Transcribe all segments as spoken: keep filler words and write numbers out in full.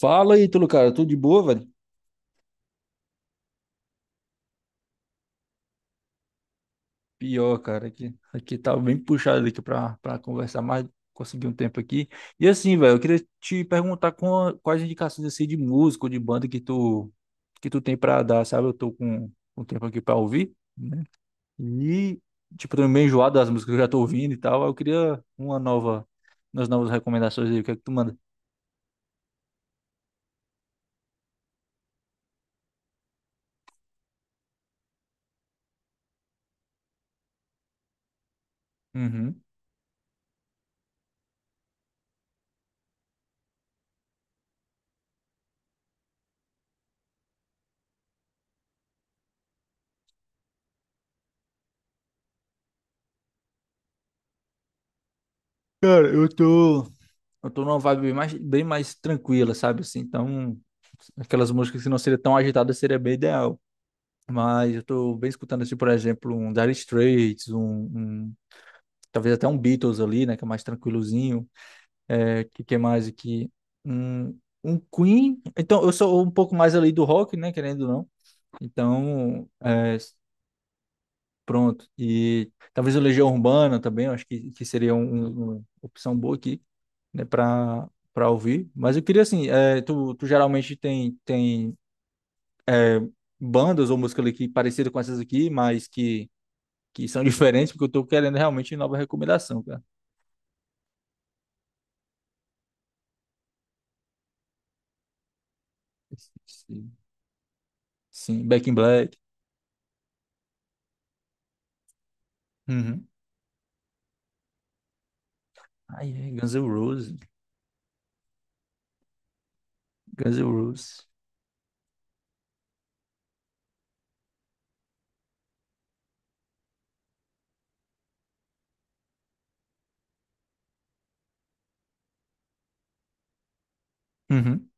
Fala aí, Ítalo, cara, tudo de boa, velho? Pior, cara, aqui, aqui tá bem puxado aqui pra, pra conversar mais, conseguir um tempo aqui. E assim, velho, eu queria te perguntar com, quais indicações assim de música ou de banda que tu, que tu tem pra dar, sabe? Eu tô com um tempo aqui pra ouvir, né? E, tipo, tô meio enjoado das músicas que eu já tô ouvindo e tal, eu queria uma nova, umas novas recomendações aí, o que é que tu manda? Uhum. Cara, eu tô... Eu tô numa vibe bem mais, bem mais tranquila, sabe? Assim, então. Aquelas músicas que não seriam tão agitadas seria bem ideal. Mas eu tô bem escutando, assim, por exemplo, um Dire Straits, um, um- talvez até um Beatles ali, né? Que é mais tranquilozinho. É, que, que mais aqui? Um, um Queen. Então, eu sou um pouco mais ali do rock, né? Querendo ou não. Então, é, pronto. E talvez o Legião Urbana também, eu acho que, que seria um- um, uma opção boa aqui, né? Pra, pra ouvir. Mas eu queria, assim, é, tu, tu geralmente tem, tem bandas ou música ali que parecida com essas aqui, mas que, que são diferentes, porque eu tô querendo realmente nova recomendação, cara. Sim, Sim, Back in Black. Uhum. Ai, é, Guns N' Roses. Guns N' Roses. Uhum.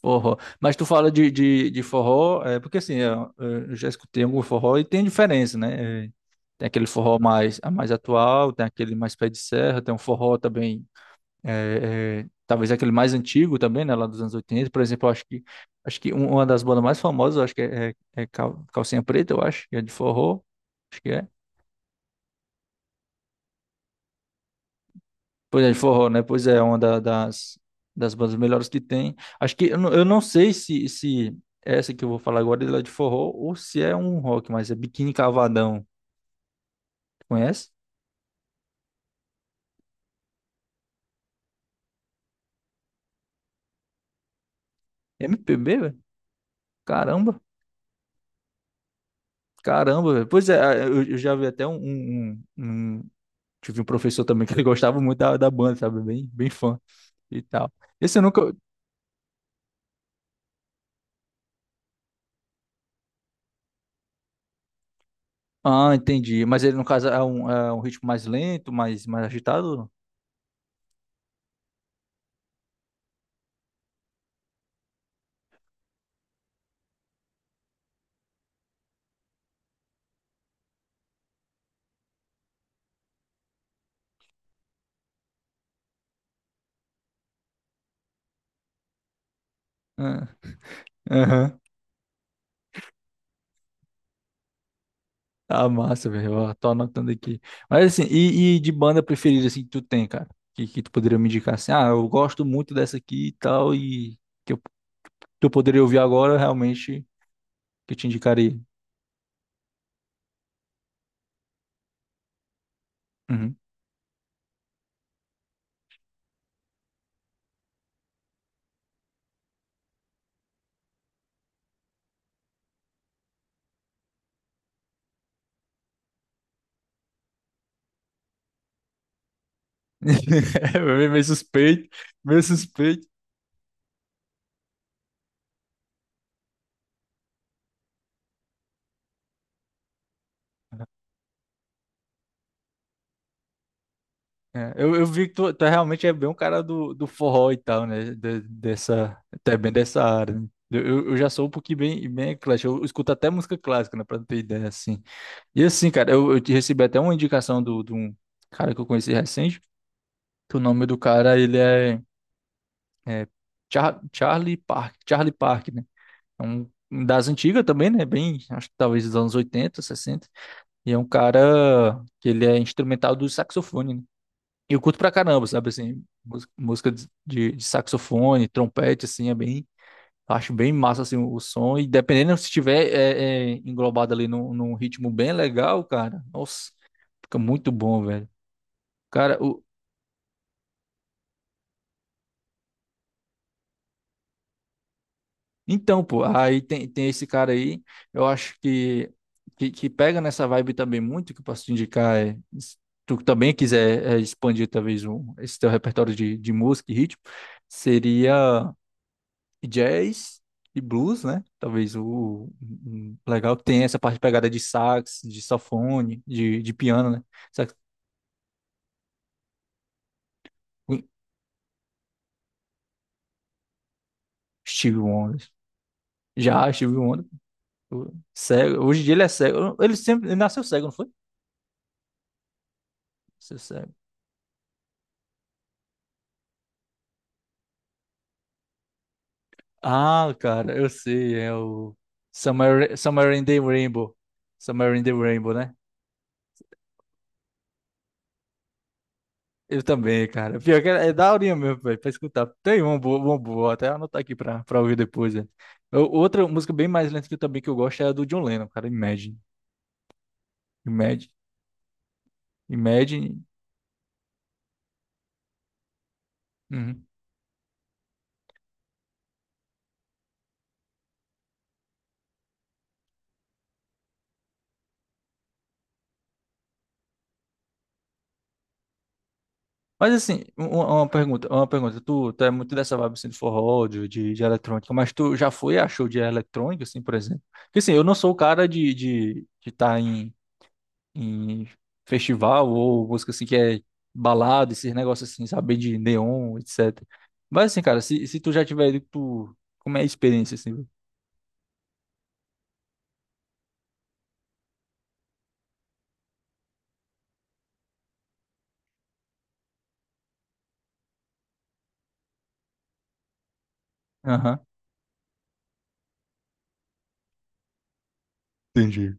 Forró. Mas tu fala de, de, de forró, é, porque assim, eu, eu já escutei algum forró e tem diferença, né? É, tem aquele forró mais, mais atual, tem aquele mais pé de serra, tem um forró também. É, é, talvez aquele mais antigo também, né, lá dos anos oitenta por exemplo. Eu acho que acho que um- uma das bandas mais famosas, eu acho que é, é, é, Cal- Calcinha Preta, eu acho, que é de forró, acho que é. Pois é, de forró, né? Pois é, uma da- das das bandas melhores que tem. Acho que eu, não- eu não sei se se essa que eu vou falar agora ela é de forró ou se é um rock, mas é Biquíni Cavadão. Conhece? M P B, velho? Caramba. Caramba, velho. Pois é, eu, eu já vi até um, um, um- Tive um professor também que ele gostava muito da, da banda, sabe? Bem, bem fã e tal. Esse eu nunca. Ah, entendi. Mas ele, no caso, é um, é um ritmo mais lento, mais, mais agitado? Ah. Aham. Ah, massa, velho. Ó, tô anotando aqui. Mas assim, e, e de banda preferida, assim, que tu tem, cara? Que, que tu poderia me indicar assim? Ah, eu gosto muito dessa aqui e tal, e que eu, que eu poderia ouvir agora, realmente, que eu te indicaria. Uhum. É meio suspeito, meio suspeito. É, eu, eu vi que tu, tu realmente é bem um cara do, do forró e tal, né? De- dessa, até bem dessa área, né? Eu, eu eu já sou um pouquinho bem, bem eclético. Eu escuto até música clássica, né? Pra tu ter ideia, assim. E assim, cara, eu, eu te recebi até uma indicação do, de um cara que eu conheci recente, que o nome do cara, ele é, é Char- Charlie Park, Charlie Park, né? É um um das antigas também, né? Bem, acho que talvez dos anos oitenta sessenta. E é um cara que ele é instrumental do saxofone, né? Eu curto pra caramba, sabe, assim, mús- música de, de- de saxofone, trompete, assim, é bem, acho bem massa, assim, o, o som, e dependendo se estiver é, é, englobado ali num, num ritmo bem legal, cara, nossa, fica muito bom, velho. Cara, o, então, pô, aí tem, tem esse cara aí, eu acho que, que, que pega nessa vibe também muito, que eu posso te indicar, é, se tu também quiser é, expandir, talvez, um, esse teu repertório de, de música e ritmo, seria... e jazz e blues, né? Talvez o um- um legal que tem essa parte de pegada de sax, de saxofone, de, de piano, né? Sax... Steve Wonder. Já, Steve Wonder. Pô, cego. Hoje em dia ele é cego. Ele sempre ele nasceu cego, não foi? Nasceu cego. Ah, cara, eu sei. É o Somewhere, Somewhere in the Rainbow. Somewhere in the Rainbow, né? Eu também, cara. Pior que é, é daorinha mesmo, velho, pra escutar. Tem uma boa, uma boa, vou até anotar aqui pra, pra ouvir depois, né? Eu- Outra música bem mais lenta que eu também que eu gosto é a do John Lennon, cara, Imagine. Imagine. Imagine. Uhum. Mas assim, uma, uma pergunta, uma pergunta. Tu, tu é muito dessa vibe assim, de forró, de, de, de eletrônica, mas tu já foi a show de eletrônica, assim, por exemplo? Porque assim, eu não sou o cara de estar de, de tá em em festival ou música assim que é balada, esses negócios assim, saber de neon, etcétera. Mas assim, cara, se, se tu já tiver ido, tu... Como é a experiência assim, velho? Aham. Entendi.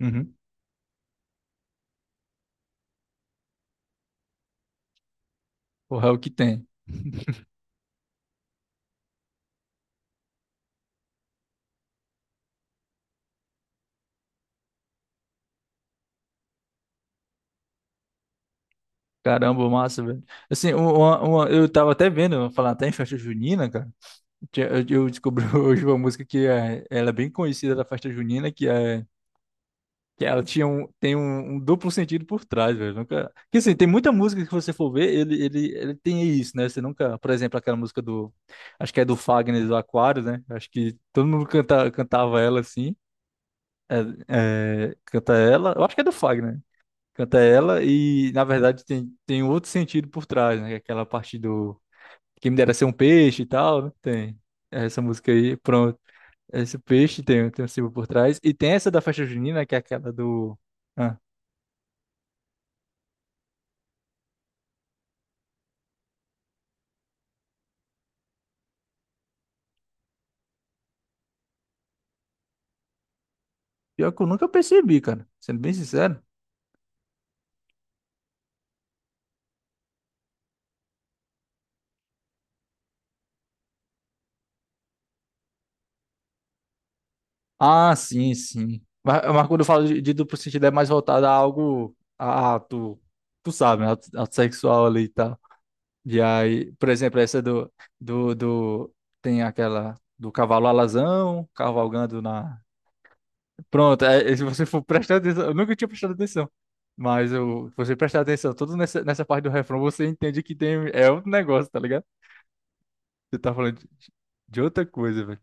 Uhum. Porra, é o que tem. Caramba, massa, velho. Assim, uma, uma- eu tava até vendo, falar até em festa junina, cara. Tinha- Eu eu descobri hoje uma música que é, ela é bem conhecida da festa junina, que é que ela tinha um, tem um, um duplo sentido por trás, velho. Nunca... Que assim, tem muita música que você for ver, ele, ele, ele tem isso, né? Você nunca, por exemplo, aquela música do. Acho que é do Fagner do Aquário, né? Acho que todo mundo canta, cantava ela assim. É, é, canta ela. Eu acho que é do Fagner. Canta ela e, na verdade, tem, tem outro sentido por trás, né? Aquela parte do. Quem me dera ser um peixe e tal, né? Tem. Essa música aí, pronto. Esse peixe tem, tem um símbolo por trás. E tem essa da festa junina, que é aquela do. Ah, pior que eu nunca percebi, cara. Sendo bem sincero. Ah, sim, sim. Mas, mas quando eu falo de, de duplo sentido, é mais voltado a algo. A, a- tu, tu sabe, né? Ato, ato sexual ali e tal. E aí, por exemplo, essa do, do, do. Tem aquela do cavalo alazão, cavalgando na. Pronto, é, é, se você for prestar atenção. Eu nunca tinha prestado atenção. Mas eu, se você prestar atenção, todo nessa, nessa parte do refrão, você entende que tem. É outro negócio, tá ligado? Você tá falando de, de outra coisa,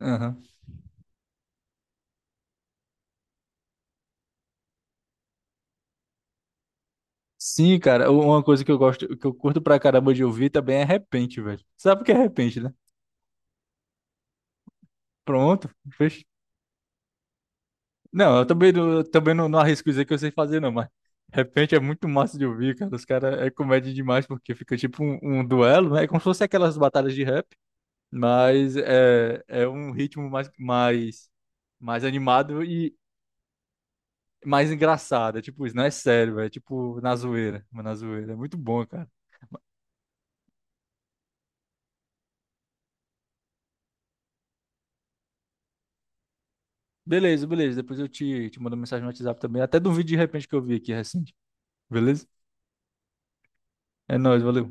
velho. Sim, cara, u- uma coisa que eu gosto, que eu curto pra caramba de ouvir também é repente, velho. Sabe o que é repente, né? Pronto, fech- Não, eu também, não- eu também não, não arrisco dizer que eu sei fazer, não, mas repente é muito massa de ouvir, cara. Os caras é comédia demais, porque fica tipo um, um duelo, né? É como se fosse aquelas batalhas de rap, mas é, é um ritmo mais, mais, mais animado e mais engraçado. É tipo isso, não é sério, velho. É tipo na zoeira, mas na zoeira. É muito bom, cara. Beleza, beleza. Depois eu te, te mando mensagem no WhatsApp também. Até de um vídeo de repente que eu vi aqui recente. Beleza? É nóis, valeu.